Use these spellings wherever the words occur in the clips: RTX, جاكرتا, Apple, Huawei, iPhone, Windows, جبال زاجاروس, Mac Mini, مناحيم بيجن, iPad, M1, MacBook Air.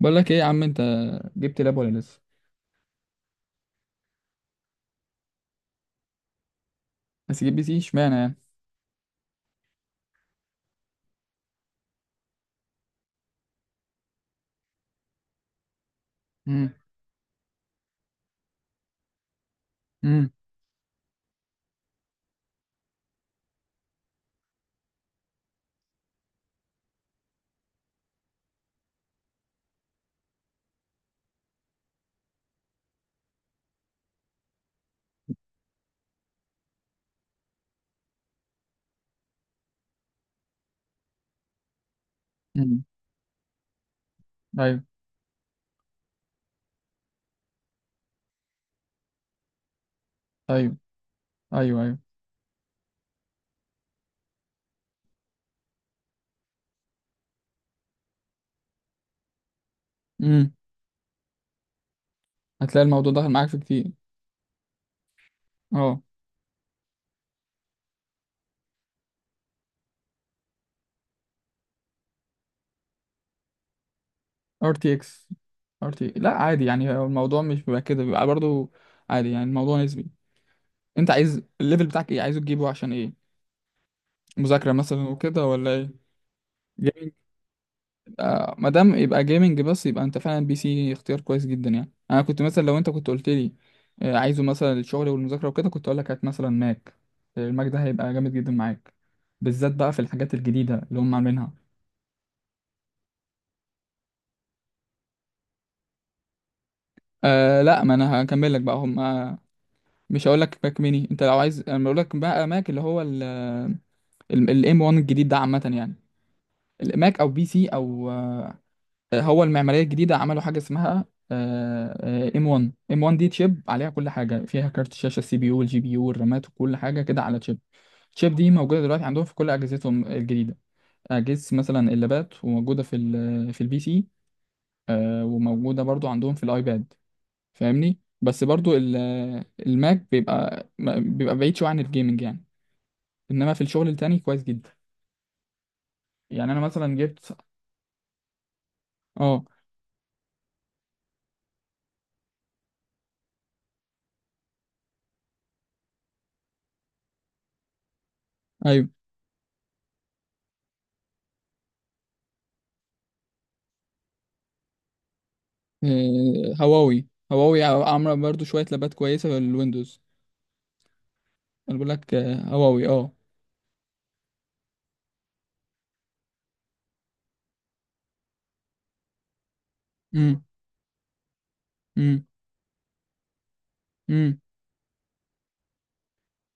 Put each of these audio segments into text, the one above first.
بقول لك ايه يا عم، انت جبت لاب ولا لسه؟ بس جيب بي سي اشمعنى يعني؟ امم. امم. امم. ايوه. ايوه. ايوه. ايوه. امم. هتلاقي الموضوع داخل معاك في كتير. اه. ار تي اكس. ار تي لا عادي، يعني هو الموضوع مش بيبقى كده، بيبقى برضو عادي، يعني الموضوع نسبي. انت عايز الليفل بتاعك ايه؟ عايزه تجيبه عشان ايه؟ مذاكرة مثلا وكده ولا ايه؟ ما دام يبقى جيمنج بس، يبقى انت فعلا بي سي اختيار كويس جدا يعني. انا كنت مثلا لو انت كنت قلت لي عايزه مثلا الشغل والمذاكره وكده، كنت اقول لك هات مثلا ماك. الماك ده هيبقى جامد جدا معاك، بالذات بقى في الحاجات الجديده اللي هم عاملينها. أه لا، ما انا هكمل لك بقى هم. مش هقول لك ماك ميني، انت لو عايز انا بقول لك بقى ماك اللي هو الام 1 الجديد ده، عامه يعني. الماك او بي سي او هو المعمارية الجديدة عملوا حاجة اسمها آه، ام 1. ام 1 دي تشيب عليها كل حاجة، فيها كارت الشاشة، السي بي يو والجي بي يو والرامات وكل حاجة كده على تشيب. التشيب دي موجودة دلوقتي عندهم في كل أجهزتهم الجديدة. أجهزة مثلا اللابات، وموجودة في البي سي. وموجودة برضو عندهم في الأيباد. فاهمني. بس برضو الماك بيبقى بعيد شوية عن الجيمنج يعني. إنما في الشغل التاني كويس جدا يعني. أنا مثلا جبت. اه. أيوه. هواوي هواوي عامله برضو شويه لابات كويسه للويندوز. انا بقول لك هواوي. اه. امم. امم. امم.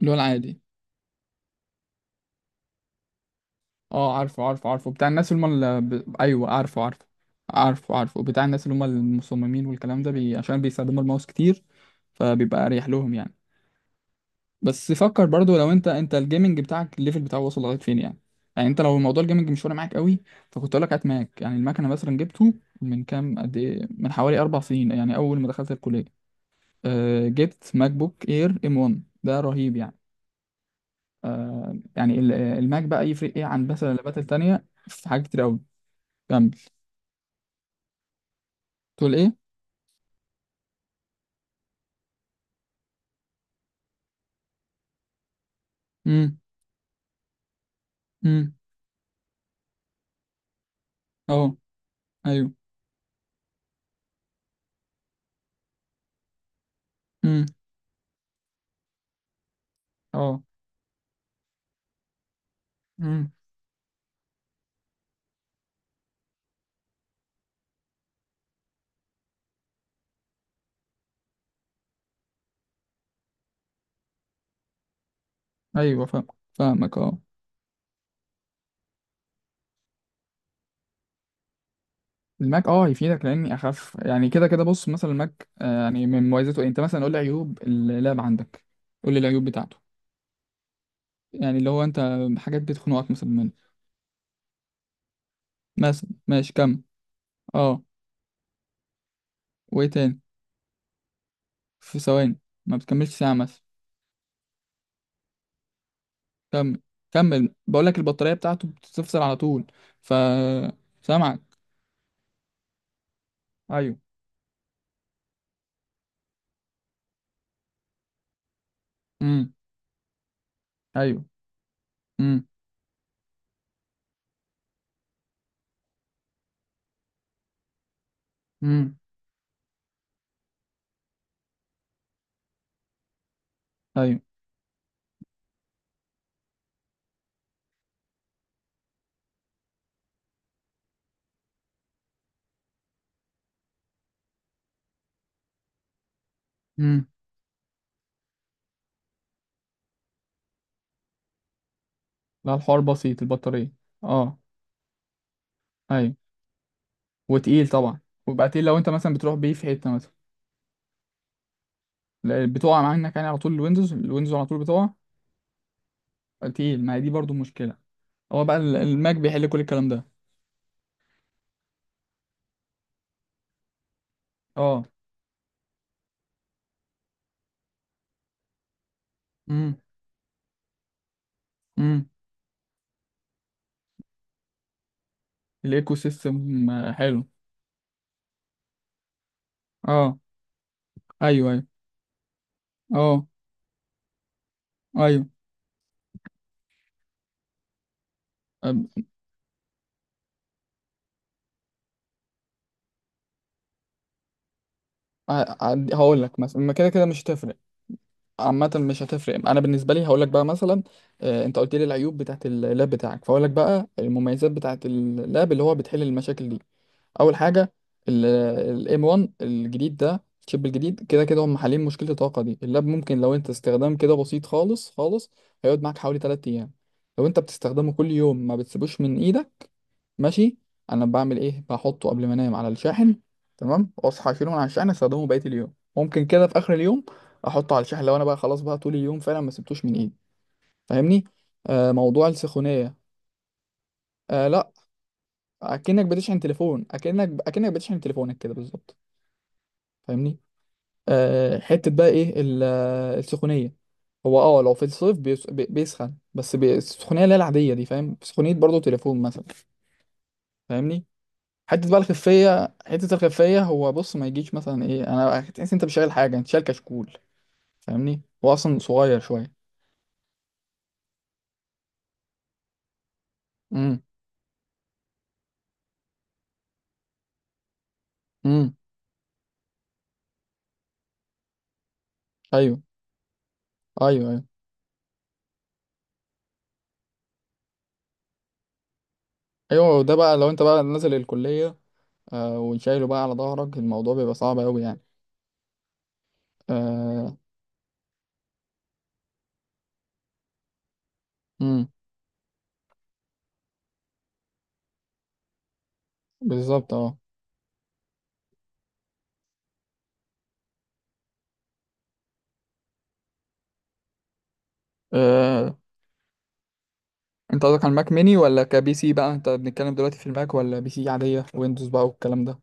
اللي هو العادي. اه، عارفه عارفه عارفه، بتاع الناس اللي هم ايوه عارفه عارفه. عارفه عارفه بتاع الناس اللي هم المصممين والكلام ده، عشان بيستخدموا الماوس كتير، فبيبقى اريح لهم يعني. بس فكر برضو، لو انت الجيمنج بتاعك الليفل بتاعه وصل لغايه فين يعني. يعني انت لو موضوع الجيمنج مش فارق معاك قوي، فكنت اقول لك هات ماك يعني. المكنه مثلا جبته من كام، قد ايه، من حوالي 4 سنين، يعني اول ما دخلت الكليه. جبت ماك بوك اير ام 1، ده رهيب يعني. الماك بقى يفرق ايه عن بس اللابات التانية في حاجات كتير قوي. كمل. تقول ايه؟ امم. امم. اه. ايوه. امم. اه. امم. ايوه. فاهم. فاهمك، اه. الماك اه هيفيدك لاني اخف يعني. كده كده بص، مثلا الماك يعني من مميزاته إيه؟ انت مثلا قول لي عيوب اللاب عندك. قول لي العيوب بتاعته، يعني اللي هو انت حاجات بتخنقك مثلا منه. مثلا ماشي، كمل. اه. وايه تاني؟ في ثواني؟ ما بتكملش ساعة مثلا؟ كمل. كمل، بقول لك البطارية بتاعته بتفصل على طول. ف سامعك. ايوه. امم. ايوه. امم. امم. ايوه. امم. لا، الحوار بسيط، البطارية. اه. ايوه، وتقيل طبعا. ويبقى تقيل لو انت مثلا بتروح بيه في حتة مثلا. لا، بتقع منك يعني على طول، الويندوز. الويندوز على طول بتقع. تقيل، ما هي دي برضو مشكلة. هو بقى الماك بيحل كل الكلام ده. اه. امم. امم. الايكو سيستم حلو. اه. ايوه. ايوه. اه. ايوه. هقول لك مثلا، ما كده كده مش هتفرق. عامة مش هتفرق. انا بالنسبة لي هقول لك بقى مثلا انت قلت لي العيوب بتاعت اللاب بتاعك، فهقول لك بقى المميزات بتاعت اللاب اللي هو بتحل المشاكل دي. اول حاجة، الام 1 الجديد ده، الشيب الجديد، كده كده هم حالين مشكلة الطاقة دي. اللاب ممكن لو انت استخدام كده بسيط خالص خالص، هيقعد معاك حوالي 3 ايام. لو انت بتستخدمه كل يوم، ما بتسيبوش من ايدك. ماشي. انا بعمل ايه؟ بحطه قبل ما انام على الشاحن، تمام، واصحى اشيله من على الشاحن، استخدمه بقيه اليوم، ممكن كده في اخر اليوم احطه على الشاحن. لو انا بقى خلاص بقى طول اليوم فعلا ما سبتوش من ايدي، فاهمني. آه، موضوع السخونيه. آه لا، اكنك بتشحن تليفون، اكنك بتشحن تليفونك كده بالظبط، فاهمني. حته بقى ايه السخونيه؟ هو اه لو في الصيف بيسخن بس، السخونيه اللي هي العاديه دي، فاهم؟ سخونيه برضه تليفون مثلا، فاهمني. حته بقى الخفيه، حته الخفيه، هو بص ما يجيش مثلا ايه، انا تحس انت مش شايل حاجه، انت شايل كشكول، فاهمني. هو اصلا صغير شويه. امم. امم. ايوه. ايوه. ايوه. ايوه. ده بقى لو انت بقى نازل الكليه وشايله بقى على ظهرك، الموضوع بيبقى صعب قوي يعني. آه. امم. بالظبط، اه. آه، انت قصدك على الماك ميني ولا كبي سي بقى؟ انت بنتكلم دلوقتي في الماك ولا بي سي عاديه ويندوز بقى والكلام ده؟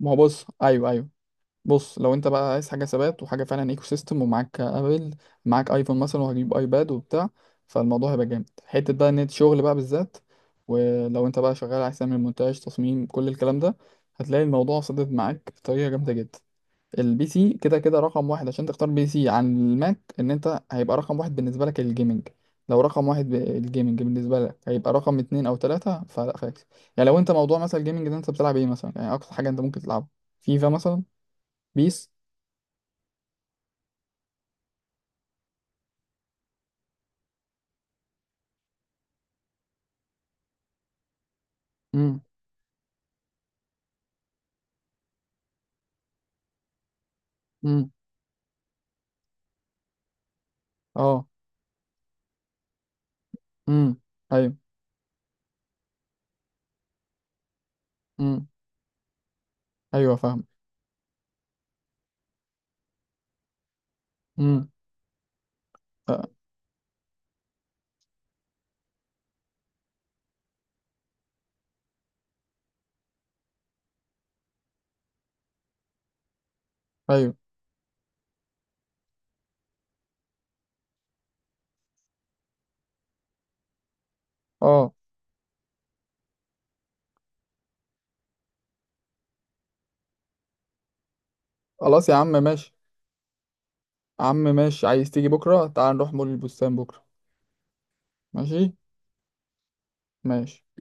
ما هو بص، ايوه ايوه. بص، لو انت بقى عايز حاجه ثبات وحاجه فعلا ايكو سيستم، ومعاك ابل، معاك ايفون مثلا وهجيب ايباد وبتاع، فالموضوع هيبقى جامد. حته بقى نت شغل بقى بالذات. ولو انت بقى شغال عايز تعمل مونتاج، تصميم، كل الكلام ده، هتلاقي الموضوع صدد معاك بطريقه جامده جدا. البي سي كده كده رقم واحد، عشان تختار بي سي عن الماك ان انت هيبقى رقم واحد بالنسبه لك الجيمنج. لو رقم واحد الجيمنج بالنسبه لك، هيبقى رقم اتنين او تلاته فلا خلاص. يعني لو انت موضوع مثلا الجيمنج ده انت بتلعب ايه مثلا يعني اقصى حاجه انت ممكن تلعبها؟ فيفا مثلا؟ بيس؟ امم. امم. اه. امم. ايوه. امم. ايوه. فاهم. امم. آه. ايوه. اه، خلاص يا عم ماشي. يا عم ماشي، عايز تيجي بكره؟ تعال نروح مول البستان بكره. ماشي. ماشي.